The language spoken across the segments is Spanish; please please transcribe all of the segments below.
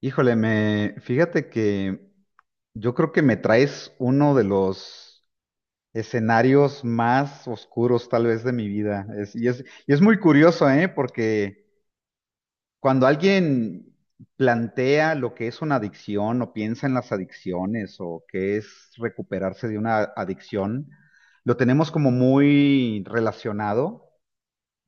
Híjole, me fíjate que yo creo que me traes uno de los escenarios más oscuros tal vez de mi vida. Y es muy curioso, ¿eh? Porque cuando alguien plantea lo que es una adicción o piensa en las adicciones o qué es recuperarse de una adicción, lo tenemos como muy relacionado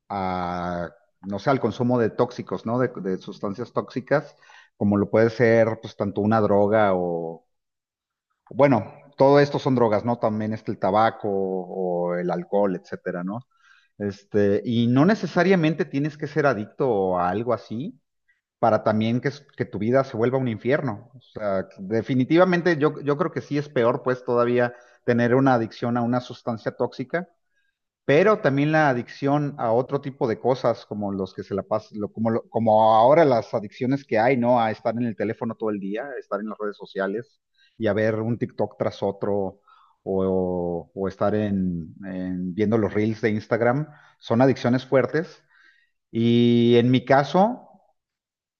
a, no sé, al consumo de tóxicos, ¿no? De sustancias tóxicas, como lo puede ser, pues, tanto una droga o, bueno, todo esto son drogas, ¿no? También está el tabaco o el alcohol, etcétera, ¿no? Este, y no necesariamente tienes que ser adicto a algo así para también que tu vida se vuelva un infierno. O sea, que definitivamente yo creo que sí es peor, pues, todavía tener una adicción a una sustancia tóxica pero también la adicción a otro tipo de cosas, como los que se la pasan, como ahora las adicciones que hay, ¿no? A estar en el teléfono todo el día, a estar en las redes sociales y a ver un TikTok tras otro o estar en viendo los reels de Instagram, son adicciones fuertes. Y en mi caso,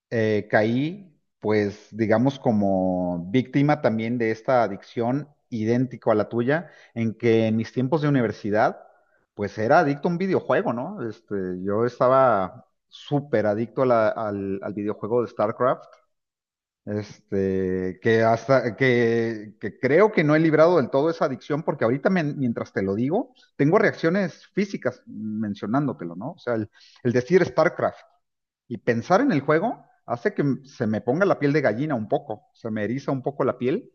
caí, pues digamos como víctima también de esta adicción idéntico a la tuya, en que en mis tiempos de universidad, pues era adicto a un videojuego, ¿no? Este, yo estaba súper adicto a al videojuego de StarCraft, este, que creo que no he librado del todo esa adicción, porque ahorita mientras te lo digo, tengo reacciones físicas mencionándotelo, ¿no? O sea, el decir StarCraft. Y pensar en el juego hace que se me ponga la piel de gallina un poco, se me eriza un poco la piel.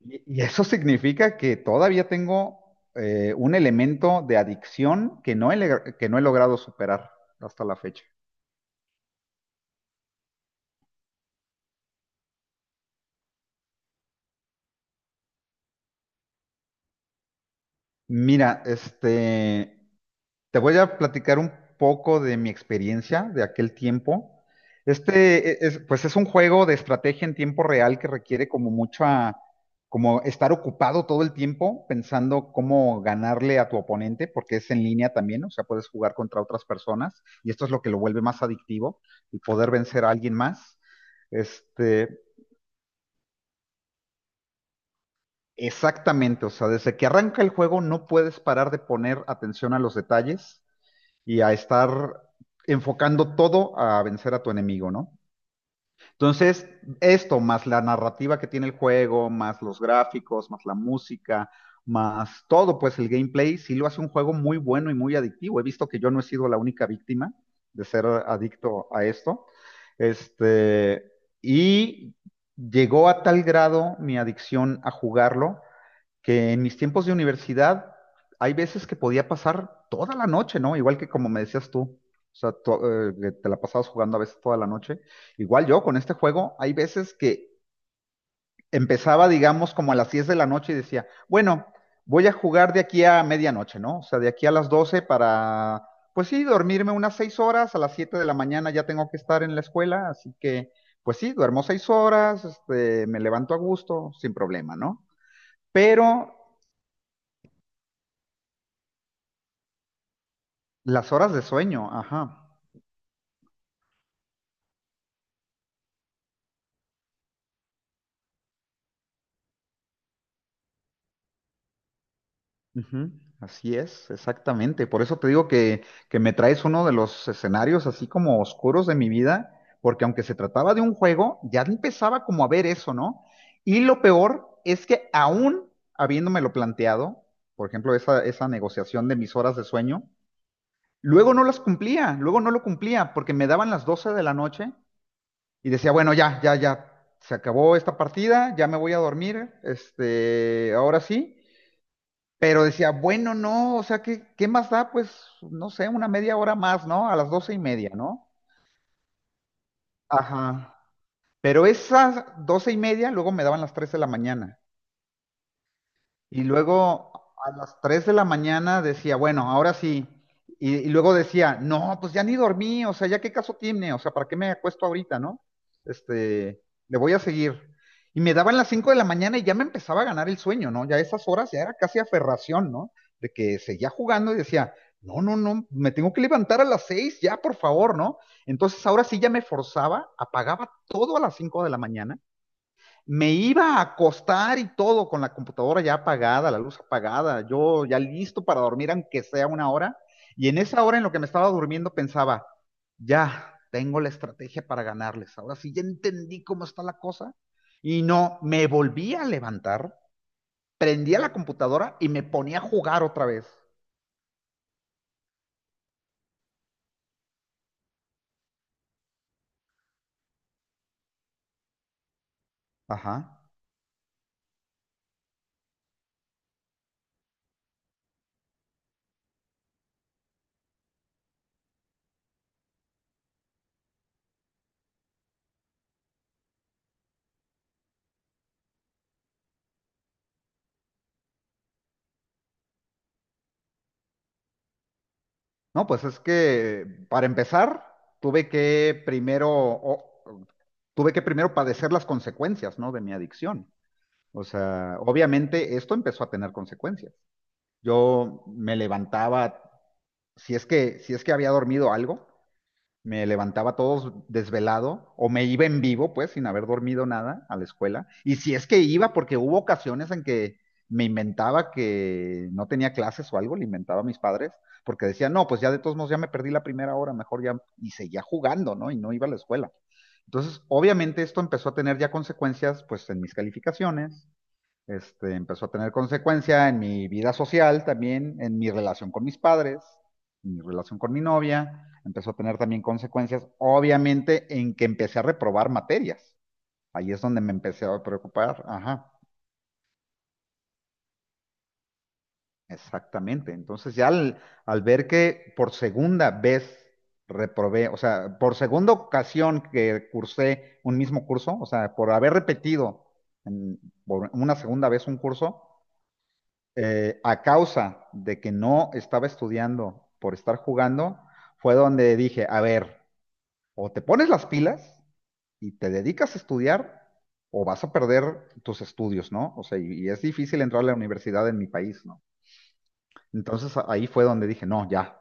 Y eso significa que todavía tengo un elemento de adicción que que no he logrado superar hasta la fecha. Mira, este, te voy a platicar un poco de mi experiencia de aquel tiempo. Este, pues es un juego de estrategia en tiempo real que requiere como mucha, como estar ocupado todo el tiempo pensando cómo ganarle a tu oponente, porque es en línea también, o sea, puedes jugar contra otras personas y esto es lo que lo vuelve más adictivo, el poder vencer a alguien más. Este, exactamente, o sea, desde que arranca el juego no puedes parar de poner atención a los detalles y a estar enfocando todo a vencer a tu enemigo, ¿no? Entonces, esto más la narrativa que tiene el juego, más los gráficos, más la música, más todo, pues el gameplay, sí lo hace un juego muy bueno y muy adictivo. He visto que yo no he sido la única víctima de ser adicto a esto. Este, y llegó a tal grado mi adicción a jugarlo que en mis tiempos de universidad hay veces que podía pasar toda la noche, ¿no? Igual que como me decías tú, o sea, tú, que te la pasabas jugando a veces toda la noche. Igual yo con este juego hay veces que empezaba, digamos, como a las 10 de la noche y decía, bueno, voy a jugar de aquí a medianoche, ¿no? O sea, de aquí a las 12 para, pues sí, dormirme unas 6 horas, a las 7 de la mañana ya tengo que estar en la escuela, así que, pues sí, duermo 6 horas, este, me levanto a gusto, sin problema, ¿no? Pero las horas de sueño, ajá. Ujú, así es, exactamente. Por eso te digo que me traes uno de los escenarios así como oscuros de mi vida, porque aunque se trataba de un juego, ya empezaba como a ver eso, ¿no? Y lo peor es que aún habiéndomelo planteado, por ejemplo, esa negociación de mis horas de sueño, luego no las cumplía, luego no lo cumplía, porque me daban las 12 de la noche y decía, bueno, ya, ya, ya, se acabó esta partida, ya me voy a dormir, este, ahora sí. Pero decía, bueno, no, o sea, ¿qué más da? Pues, no sé, una media hora más, ¿no? A las 12 y media, ¿no? Ajá. Pero esas 12 y media luego me daban las 3 de la mañana. Y luego a las 3 de la mañana decía, bueno, ahora sí. Y luego decía, no, pues ya ni dormí, o sea, ya qué caso tiene, o sea, ¿para qué me acuesto ahorita, no? Este, le voy a seguir. Y me daban las 5 de la mañana y ya me empezaba a ganar el sueño, ¿no? Ya a esas horas ya era casi aferración, ¿no? De que seguía jugando y decía, no, no, no, me tengo que levantar a las 6 ya, por favor, ¿no? Entonces ahora sí ya me forzaba, apagaba todo a las 5 de la mañana, me iba a acostar y todo con la computadora ya apagada, la luz apagada, yo ya listo para dormir aunque sea una hora. Y en esa hora en lo que me estaba durmiendo pensaba, ya tengo la estrategia para ganarles. Ahora sí, ya entendí cómo está la cosa. Y no, me volví a levantar, prendía la computadora y me ponía a jugar otra vez. Ajá. No, pues es que para empezar, tuve que primero, o- tuve que primero padecer las consecuencias, ¿no? De mi adicción. O sea, obviamente esto empezó a tener consecuencias. Yo me levantaba, si es que había dormido algo, me levantaba todo desvelado o me iba en vivo, pues, sin haber dormido nada a la escuela. Y si es que iba, porque hubo ocasiones en que me inventaba que no tenía clases o algo, le inventaba a mis padres, porque decía, no, pues ya de todos modos ya me perdí la primera hora, mejor ya, y seguía jugando, ¿no? Y no iba a la escuela. Entonces, obviamente esto empezó a tener ya consecuencias, pues, en mis calificaciones, este, empezó a tener consecuencia en mi vida social también, en mi relación con mis padres, en mi relación con mi novia. Empezó a tener también consecuencias, obviamente, en que empecé a reprobar materias. Ahí es donde me empecé a preocupar. Ajá, exactamente. Entonces ya al ver que por segunda vez reprobé, o sea, por segunda ocasión que cursé un mismo curso, o sea, por haber repetido en- por una segunda vez un curso, a causa de que no estaba estudiando por estar jugando, fue donde dije, a ver, o te pones las pilas y te dedicas a estudiar, o vas a perder tus estudios, ¿no? O sea, y es difícil entrar a la universidad en mi país, ¿no? Entonces ahí fue donde dije, no, ya,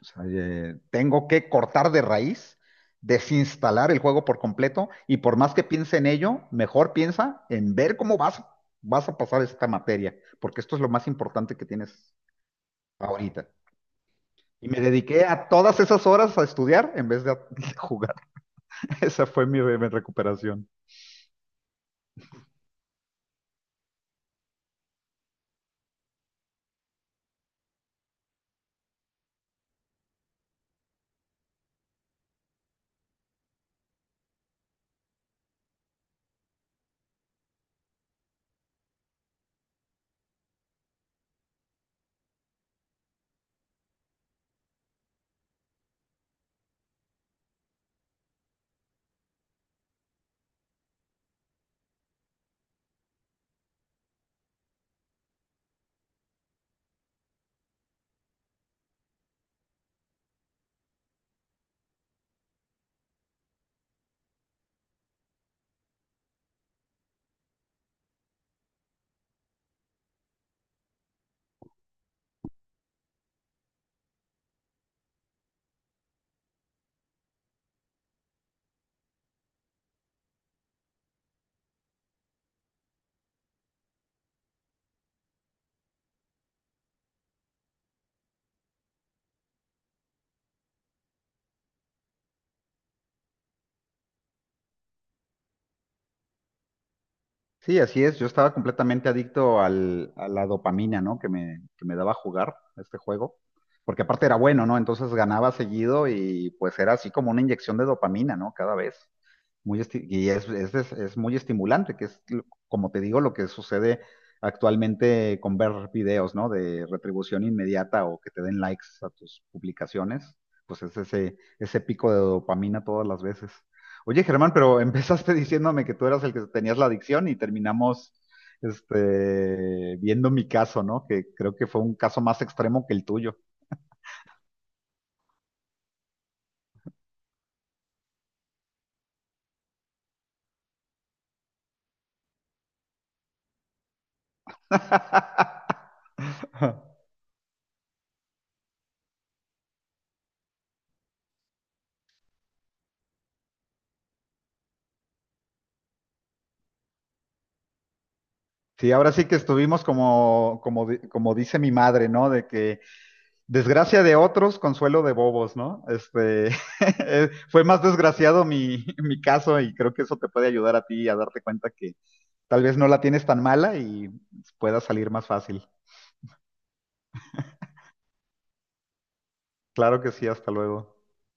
o sea, tengo que cortar de raíz, desinstalar el juego por completo, y por más que piense en ello, mejor piensa en ver cómo vas, vas a pasar esta materia, porque esto es lo más importante que tienes ahorita. Y me dediqué a todas esas horas a estudiar en vez de, de jugar. Esa fue mi recuperación. Sí, así es. Yo estaba completamente adicto a la dopamina, ¿no? Que me daba jugar este juego. Porque aparte era bueno, ¿no? Entonces ganaba seguido y pues era así como una inyección de dopamina, ¿no? Cada vez. Muy esti- y es muy estimulante, como te digo, lo que sucede actualmente con ver videos, ¿no? De retribución inmediata o que te den likes a tus publicaciones, pues es ese pico de dopamina todas las veces. Oye, Germán, pero empezaste diciéndome que tú eras el que tenías la adicción y terminamos, este, viendo mi caso, ¿no? Que creo que fue un caso más extremo que el tuyo. Sí, ahora sí que estuvimos como, como, como dice mi madre, ¿no? De que desgracia de otros, consuelo de bobos, ¿no? Este, fue más desgraciado mi caso y creo que eso te puede ayudar a ti a darte cuenta que tal vez no la tienes tan mala y pueda salir más fácil. Claro que sí, hasta luego.